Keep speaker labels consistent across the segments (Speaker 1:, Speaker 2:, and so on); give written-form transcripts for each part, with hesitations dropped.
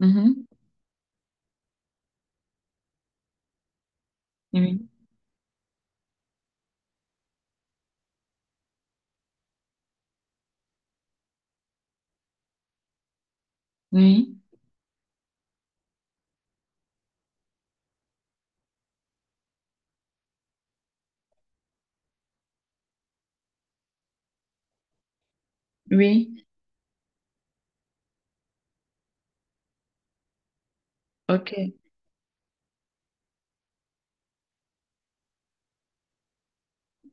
Speaker 1: Mhm. Oui, oui, oui. Ok.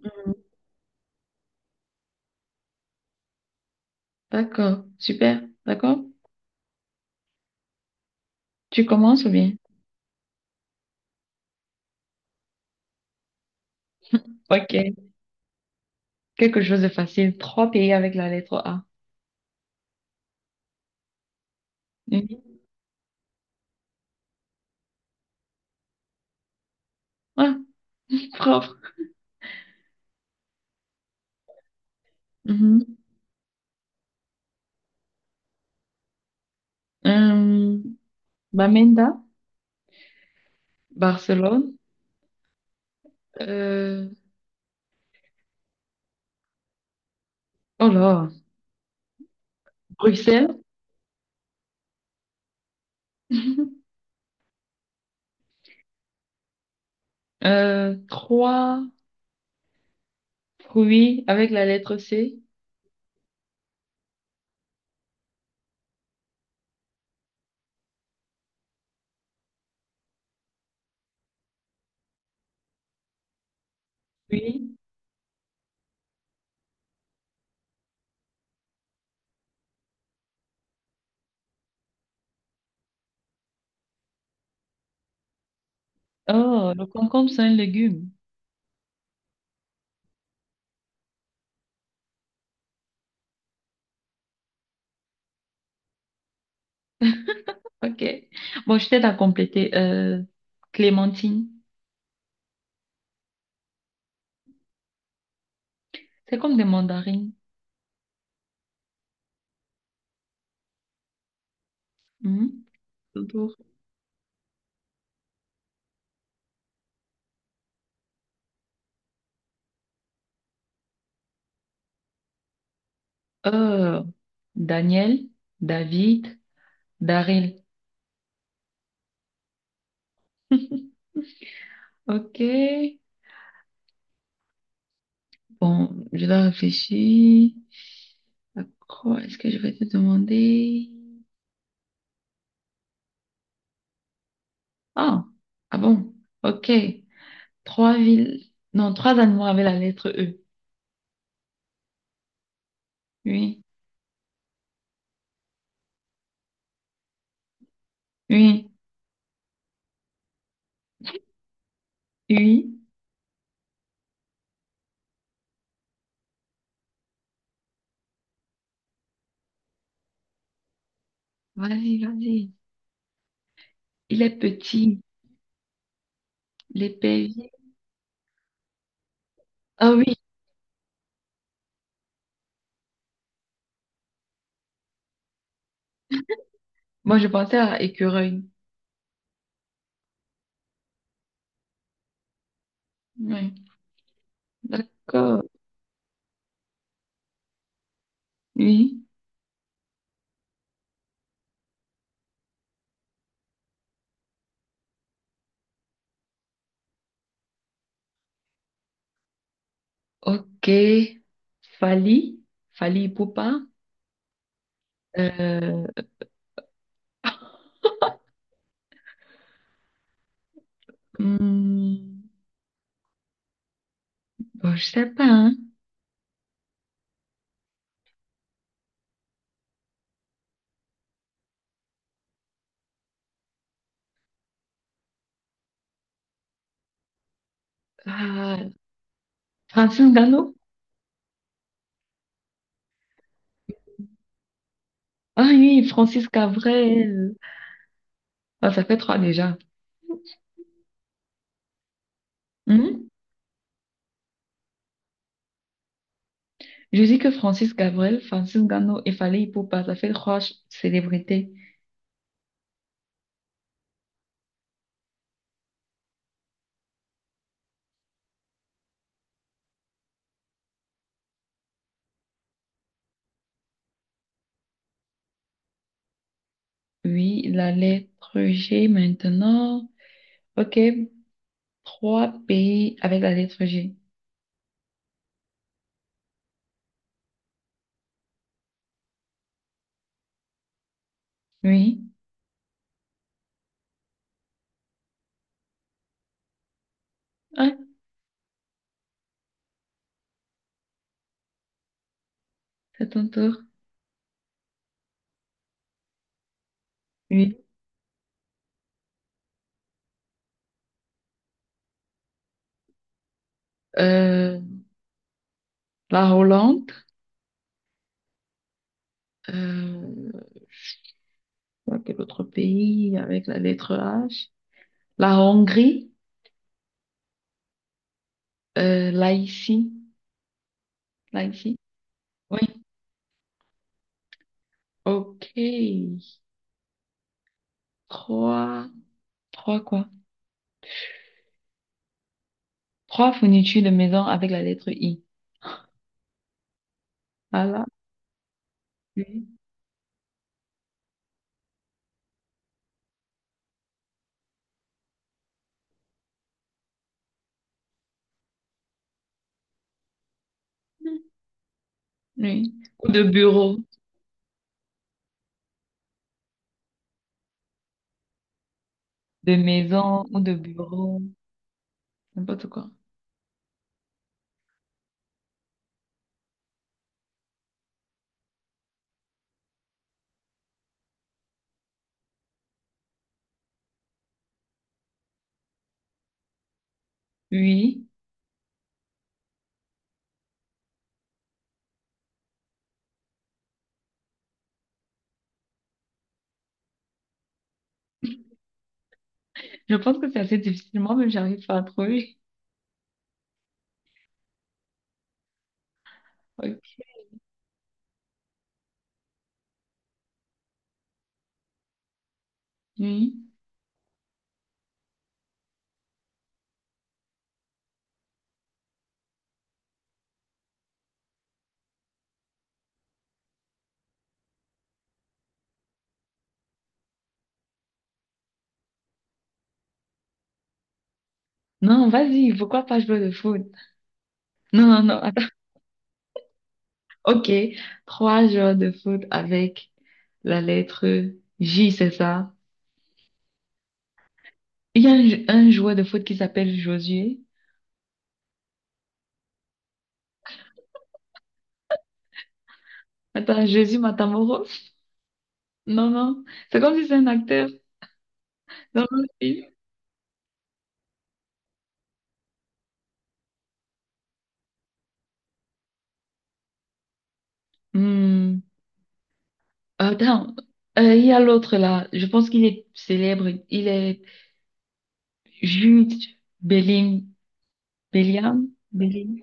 Speaker 1: Mhm. D'accord. Super. D'accord. Tu commences ou bien? Ok. Quelque chose de facile. Trois pays avec la lettre A. Oui. Ah, propre. Mhm. Euh, Bamenda, Barcelone. Euh, oh là, Bruxelles. Trois fruits avec la lettre C. Oui. Oh, le concombre, c'est un légume. Ok. Bon, je t'aide à compléter. Clémentine. C'est comme des mandarines. Mhm. Pour euh, Daniel, David, Daryl. Ok. Bon, je dois réfléchir. À quoi est-ce que je vais te demander? Ah, ah bon. Ok. Trois villes. Non, trois animaux avec la lettre E. Oui, oui, oui. Vas-y, vas-y. Il est petit. L'épervier. Ah oui. Moi, je pensais à écureuil. Oui. D'accord. Oui. Ok, Fali, Fali Poupa. Euh, hmm, bon, je sais pas. Hein. Ah, Francis Gallo? Ah oui, Francis Cabrel. Ah, ça fait trois déjà. Hmm? Je dis que Francis Cabrel, Francis Gallo et Fali Poupa, ça fait trois célébrités. Oui, la lettre G maintenant. Ok, trois pays avec la lettre G. Oui, ouais, c'est ton tour. Oui. Euh, la Hollande. Euh, quel autre pays avec la lettre H? La Hongrie, là ici, là ici. Oui, ok. Trois, trois quoi? Trois fournitures de maison avec la lettre I. Voilà. Oui. Oui. Ou de bureau, de maison ou de bureau, n'importe quoi. Oui. Je pense que c'est assez difficile. Moi-même, j'arrive pas à trouver. Ok. Oui. Non, vas-y, pourquoi pas jouer de foot? Non, non, non. Attends. Ok, trois joueurs de foot avec la lettre J, c'est ça. Il y a un joueur de foot qui s'appelle Josué. Attends, Jésus Matamoro? Non, non. C'est comme si c'est un acteur dans le film. Hmm. Attends, il y a l'autre là. Je pense qu'il est célèbre. Il est Jude Belling... Bellingham. Belling.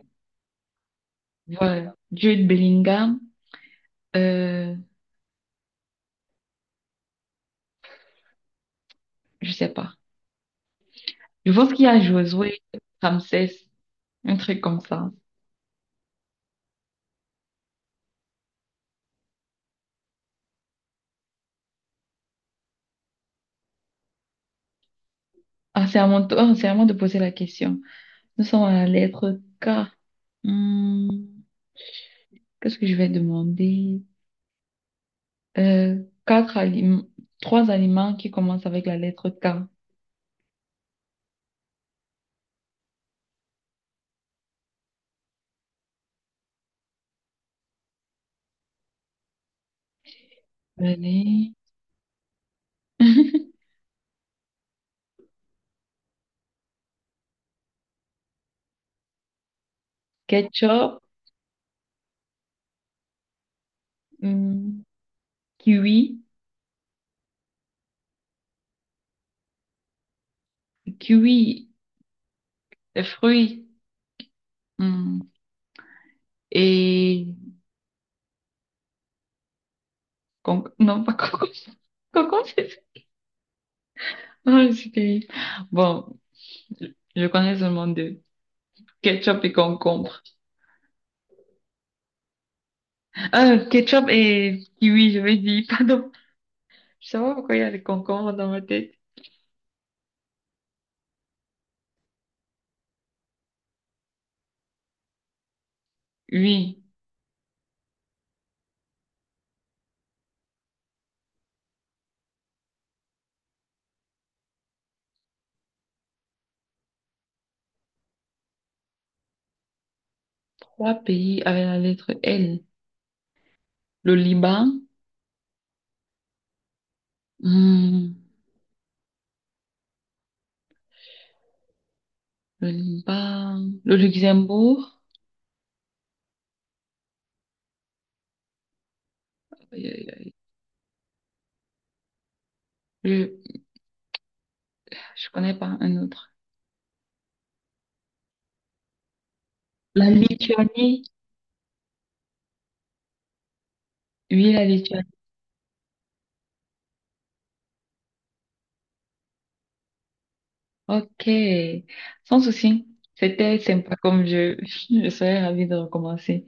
Speaker 1: Voilà. Jude Bellingham. Euh, je sais pas. Je pense qu'il y a Josué Ramsès. Un truc comme ça. Ah, c'est à mon tour, c'est à moi de poser la question. Nous sommes à la lettre K. Hmm, qu'est-ce que je vais demander? Euh, quatre aliments, trois aliments qui commencent avec la lettre K. Allez. Ketchup, hmm, kiwi, kiwi, le fruit, hmm, et con- non pas concombre, concombre c'est ça. Non, je suis terrible. Bon, je connais seulement deux, ketchup et concombre. Ketchup et kiwi, je vais dire, pardon. Je sais pas pourquoi il y a les concombres dans ma tête. Oui, trois pays avec la lettre L. Le Liban, hmm, le Luxembourg, aïe, aïe, aïe. je, je connais pas un autre. La Lituanie, oui, la Lituanie. Ok, sans souci. C'était sympa comme jeu. Je serais ravie de recommencer.